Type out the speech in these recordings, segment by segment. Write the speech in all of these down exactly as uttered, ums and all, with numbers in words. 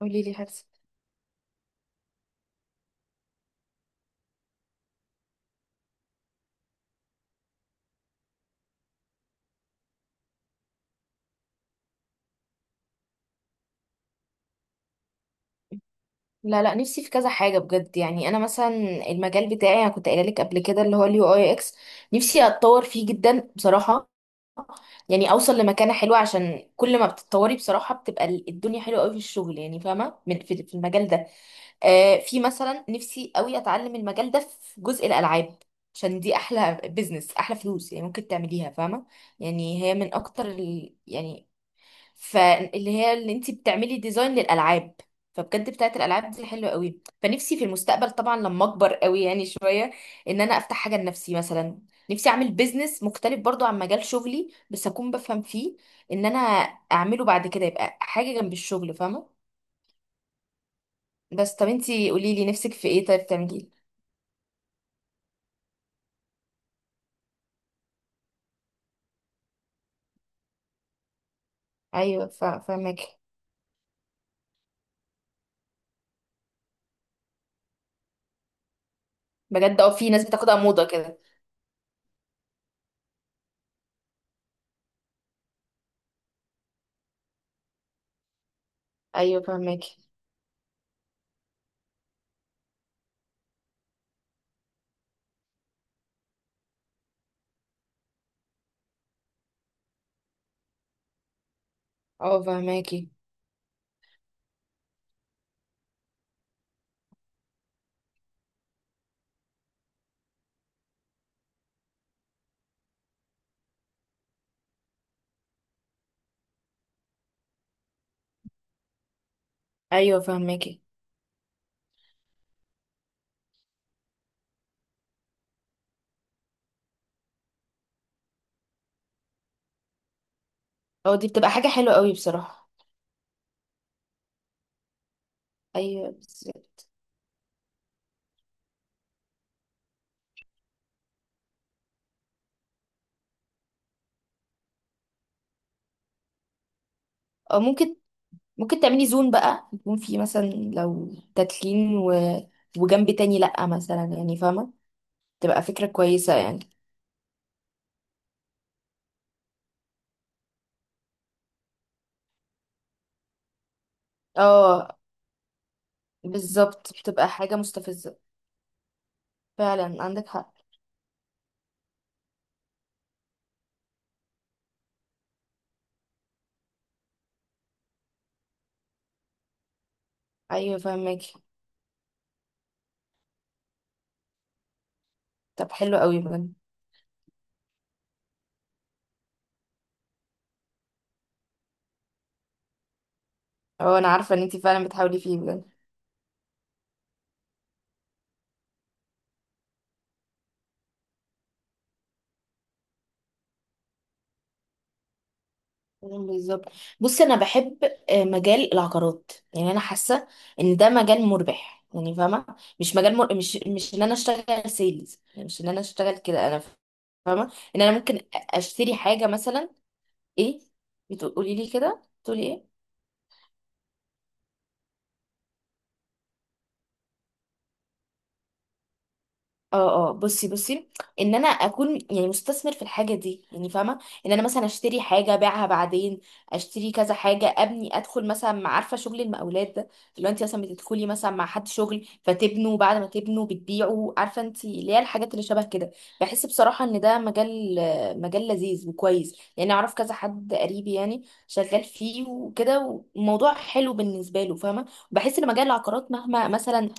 قولي لي حاسه. لا لا، نفسي في كذا حاجه بجد. يعني انا مثلا، المجال بتاعي انا كنت قايله لك قبل كده اللي هو اليو اي اكس، نفسي اتطور فيه جدا بصراحه. يعني اوصل لمكانه حلوه، عشان كل ما بتتطوري بصراحه بتبقى ال- الدنيا حلوه قوي في الشغل. يعني فاهمه، من في في المجال ده. آه في مثلا نفسي قوي اتعلم المجال ده في جزء الالعاب، عشان دي احلى بزنس احلى فلوس. يعني ممكن تعمليها فاهمه. يعني هي من اكتر ال... يعني، فاللي هي اللي انت بتعملي ديزاين للالعاب. فبجد بتاعت الالعاب دي حلوه قوي. فنفسي في المستقبل طبعا لما اكبر قوي يعني شويه، ان انا افتح حاجه لنفسي مثلا. نفسي اعمل بيزنس مختلف برضو عن مجال شغلي بس اكون بفهم فيه، ان انا اعمله بعد كده يبقى حاجه جنب الشغل فاهمه. بس طب انتي قولي لي نفسك في ايه طيب تعملي. ايوه، فا- فاهمك. بجد اه، في ناس بتاخدها موضه كده. ايوه فاهماكي. اه فاهماكي. ايوه فاهماكي. اه دي بتبقى حاجه حلوه قوي بصراحه. ايوه بالظبط. آه، ممكن ممكن تعملي زون بقى يكون فيه مثلا لو تتلين و... وجنب تاني لأ مثلا. يعني فاهمة، تبقى فكرة كويسة يعني. اه بالظبط، بتبقى حاجة مستفزة. فعلا عندك حق. ايوه فاهمك. طب حلو قوي بجد. اه انا عارفة ان انتي فعلا بتحاولي فيه بجد. بالظبط. بص، انا بحب آه، مجال العقارات. يعني انا حاسه ان ده مجال مربح. يعني فاهمه، مش مجال مر... مش مش ان انا اشتغل سيلز. يعني مش ان انا اشتغل كده. انا فاهمه ان انا ممكن اشتري حاجه مثلا. ايه؟ بتقولي لي كده؟ تقولي ايه؟ اه اه، بصي بصي ان انا اكون يعني مستثمر في الحاجه دي. يعني فاهمه، ان انا مثلا اشتري حاجه ابيعها بعدين. اشتري كذا حاجه ابني، ادخل مثلا مع- عارفه شغل المقاولات ده، اللي هو انت مثلا بتدخلي مثلا مع حد شغل فتبنوا، بعد ما تبنوا بتبيعوا. عارفه انت، اللي هي الحاجات اللي شبه كده. بحس بصراحه ان ده مجال، مجال لذيذ وكويس. يعني اعرف كذا حد قريبي يعني شغال فيه وكده، والموضوع حلو بالنسبه له فاهمه. بحس ان مجال العقارات مهما مثلا،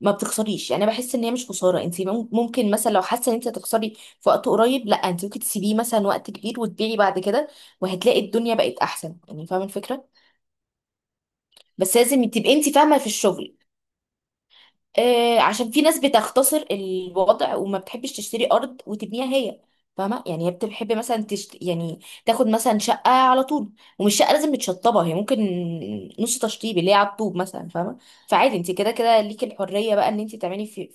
ما بتخسريش. يعني انا بحس ان هي مش خساره. انت مم- ممكن مثلا لو حاسه ان انت هتخسري في وقت قريب، لا انت ممكن تسيبيه مثلا وقت كبير وتبيعي بعد كده، وهتلاقي الدنيا بقت احسن. يعني فاهمه الفكره. بس لازم تبقي انت فاهمه في الشغل. آه، عشان في ناس بتختصر الوضع وما بتحبش تشتري ارض وتبنيها هي. فاهمه، يعني هي بتحب مثلا تشت... يعني تاخد مثلا شقه على طول. ومش شقه لازم متشطبه، هي ممكن نص تشطيب اللي هي على الطوب مثلا فاهمه. فعادي، انت كده كده ليكي الحريه بقى ان انت تعملي في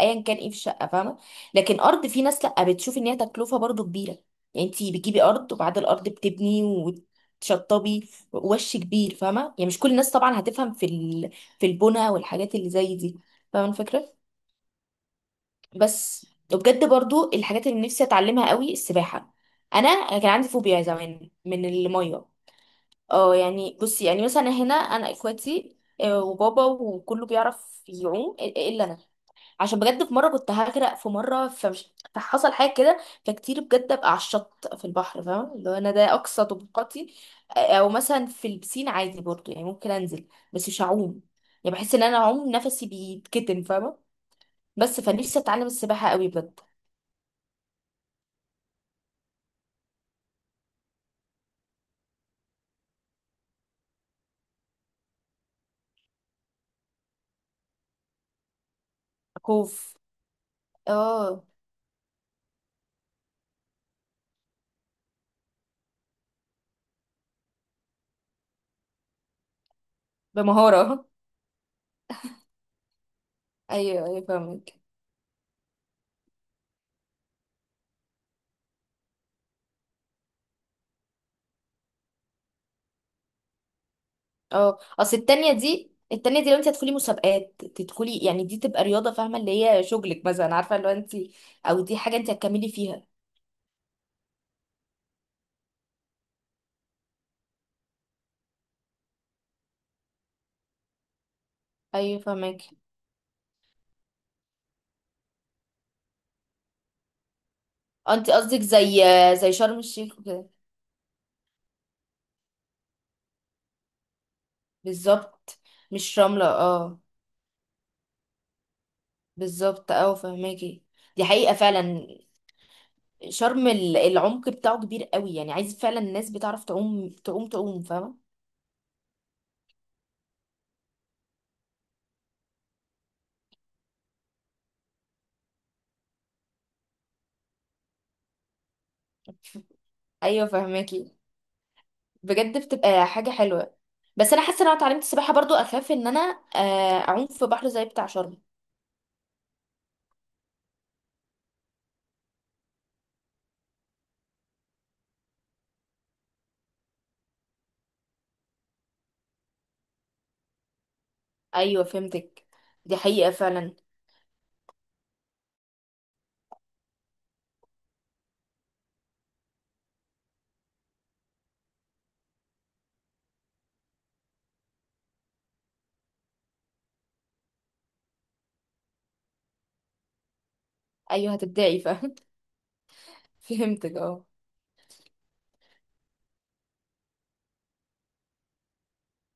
ايا كان ايه في الشقه فاهمه. لكن ارض، في ناس لا بتشوف ان هي تكلفه برضو كبيره. يعني انت بتجيبي ارض، وبعد الارض بتبني وتشطبي، وش كبير فاهمه. يعني مش كل الناس طبعا هتفهم في ال... في البنى والحاجات اللي زي دي. فاهمه الفكره؟ بس. وبجد برضو الحاجات اللي نفسي اتعلمها قوي السباحه. انا كان عندي فوبيا زمان من الميه. اه يعني بصي، يعني مثلا هنا انا اخواتي آه، وبابا وكله بيعرف يعوم الا انا. عشان بجد في مره كنت هغرق، في مره فمش فحصل حاجه كده. فكتير بجد ابقى على الشط في البحر فاهم، اللي هو انا ده اقصى طبقاتي. او مثلا في البسين عادي برضو. يعني ممكن انزل بس مش هعوم. يعني بحس ان انا اعوم نفسي بيتكتم فاهمه. بس فنفسي اتعلم السباحه قوي بجد. خوف. اه بمهاره. ايوه ايوه فاهمك. اه اصل التانية دي التانية دي لو انت هتدخلي مسابقات تدخلي، يعني دي تبقى رياضة فاهمة، اللي هي شغلك مثلا. عارفة لو انت، او دي حاجة انت هتكملي فيها. ايوه فهمك. انت قصدك زي، زي شرم الشيخ وكده. بالظبط، مش رملة اه. بالظبط اه فهماكي. دي حقيقة فعلا، شرم ال- العمق بتاعه كبير قوي. يعني عايز فعلا الناس بتعرف تعوم تعوم تعوم فاهمة. ايوه فهماكي، بجد بتبقى حاجة حلوة. بس انا حاسة ان انا اتعلمت السباحة برضو اخاف ان انا آه، اعوم في بحر زي بتاع شرم. ايوه فهمتك. دي حقيقة فعلا. ايوه هتبدعي فاهم. فهمتك اه.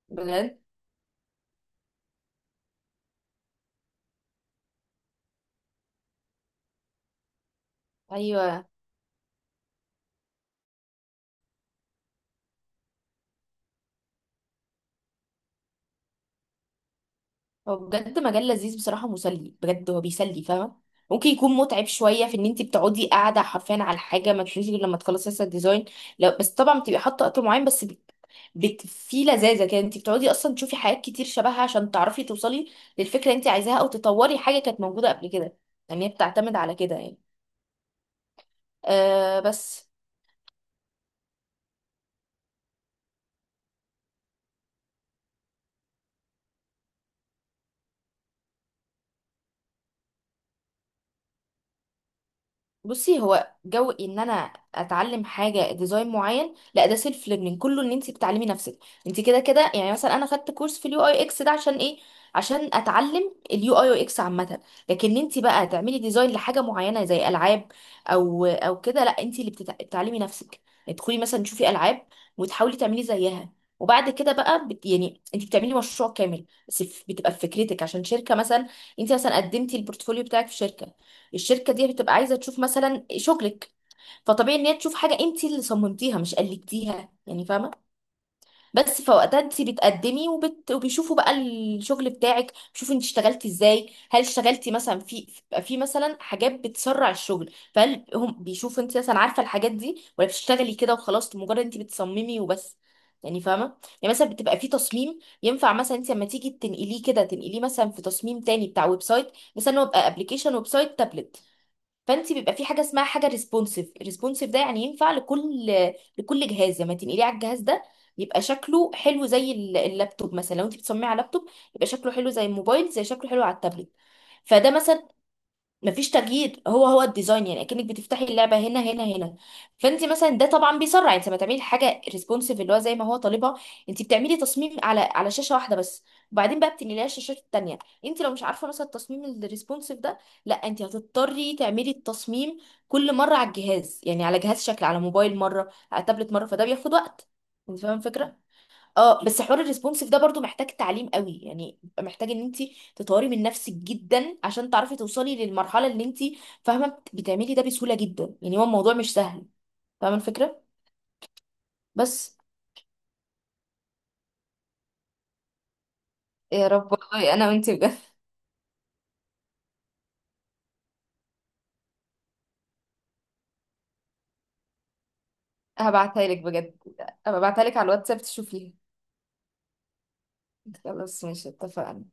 بجد. ايوه، هو بجد مجال لذيذ بصراحة، مسلي بجد. هو بيسلي فاهمة. ممكن يكون متعب شوية في ان انت بتقعدي قاعدة حرفيا على حاجة ما تشوفيش غير لما تخلصي لسه الديزاين. لا بس طبعا بتبقي حاطة وقت معين. بس بت... بت... في لذاذة كده، انت بتقعدي اصلا تشوفي حاجات كتير شبهها عشان تعرفي توصلي للفكرة اللي انت عايزاها، او تطوري حاجة كانت موجودة قبل كده. يعني هي بتعتمد على كده يعني. أه بس. بصي، هو جو ان انا اتعلم حاجه ديزاين معين لا، ده سيلف ليرنينج كله، ان انت بتعلمي نفسك. انت كده كده يعني مثلا انا خدت كورس في اليو اي اكس ده عشان ايه؟ عشان اتعلم اليو اي اكس عامه. لكن انت بقى تعملي ديزاين لحاجه معينه زي العاب، او او كده لا انت اللي بتتع- بتعلمي نفسك. تدخلي مثلا تشوفي العاب وتحاولي تعملي زيها. وبعد كده بقى بت... يعني انت بتعملي مشروع كامل، بس بتبقى بفكرتك عشان شركه مثلا. انت مثلا قدمتي البورتفوليو بتاعك في شركه، الشركه دي بتبقى عايزه تشوف مثلا شغلك. فطبيعي ان هي تشوف حاجه انت اللي صممتيها مش قلدتيها يعني فاهمه. بس فوقتها انت بتقدمي وبت... وبيشوفوا بقى الشغل بتاعك، بيشوفوا انت اشتغلتي ازاي، هل اشتغلتي مثلا في، بيبقى في مثلا حاجات بتسرع الشغل، فهل هم بيشوفوا انت مثلا عارفه الحاجات دي، ولا بتشتغلي كده وخلاص، مجرد انت بتصممي وبس. يعني فاهمه. يعني مثلا بتبقى في تصميم ينفع مثلا انت لما تيجي تنقليه كده تنقليه مثلا في تصميم تاني بتاع ويب سايت مثلا. هو يبقى ابلكيشن، ويب سايت، تابلت. فانت بيبقى في حاجه اسمها حاجه ريسبونسيف. الريسبونسيف ده يعني ينفع لكل، لكل جهاز لما تنقليه على الجهاز ده يبقى شكله حلو، زي ال- اللابتوب مثلا. لو انت بتصممي على لابتوب يبقى شكله حلو، زي الموبايل زي، شكله حلو على التابلت. فده مثلا، مفيش تجديد، هو هو الديزاين. يعني اكنك بتفتحي اللعبه هنا هنا هنا. فانت مثلا ده طبعا بيسرع، انت ما تعملي حاجه ريسبونسيف اللي هو زي ما هو طالبها. انت بتعملي تصميم على على شاشه واحده بس، وبعدين بقى بتنقليها الشاشات التانيه. انت لو مش عارفه مثلا التصميم الريسبونسيف ده، لا انت هتضطري تعملي التصميم كل مره على الجهاز، يعني على جهاز شكل، على موبايل مره، على تابلت مره، فده بياخد وقت. انت فاهمه الفكره؟ اه بس حوار الريسبونسيف ده برضو محتاج تعليم قوي. يعني محتاج ان انت تطوري من نفسك جدا عشان تعرفي توصلي للمرحله اللي انت فاهمه بت- بتعملي ده بسهوله جدا. يعني هو الموضوع مش سهل فاهمه الفكره. بس يا رب، والله انا وانت بجد. هبعتها لك بجد. هبعتها لك على الواتساب تشوفيها. خلاص ماشي اتفقنا.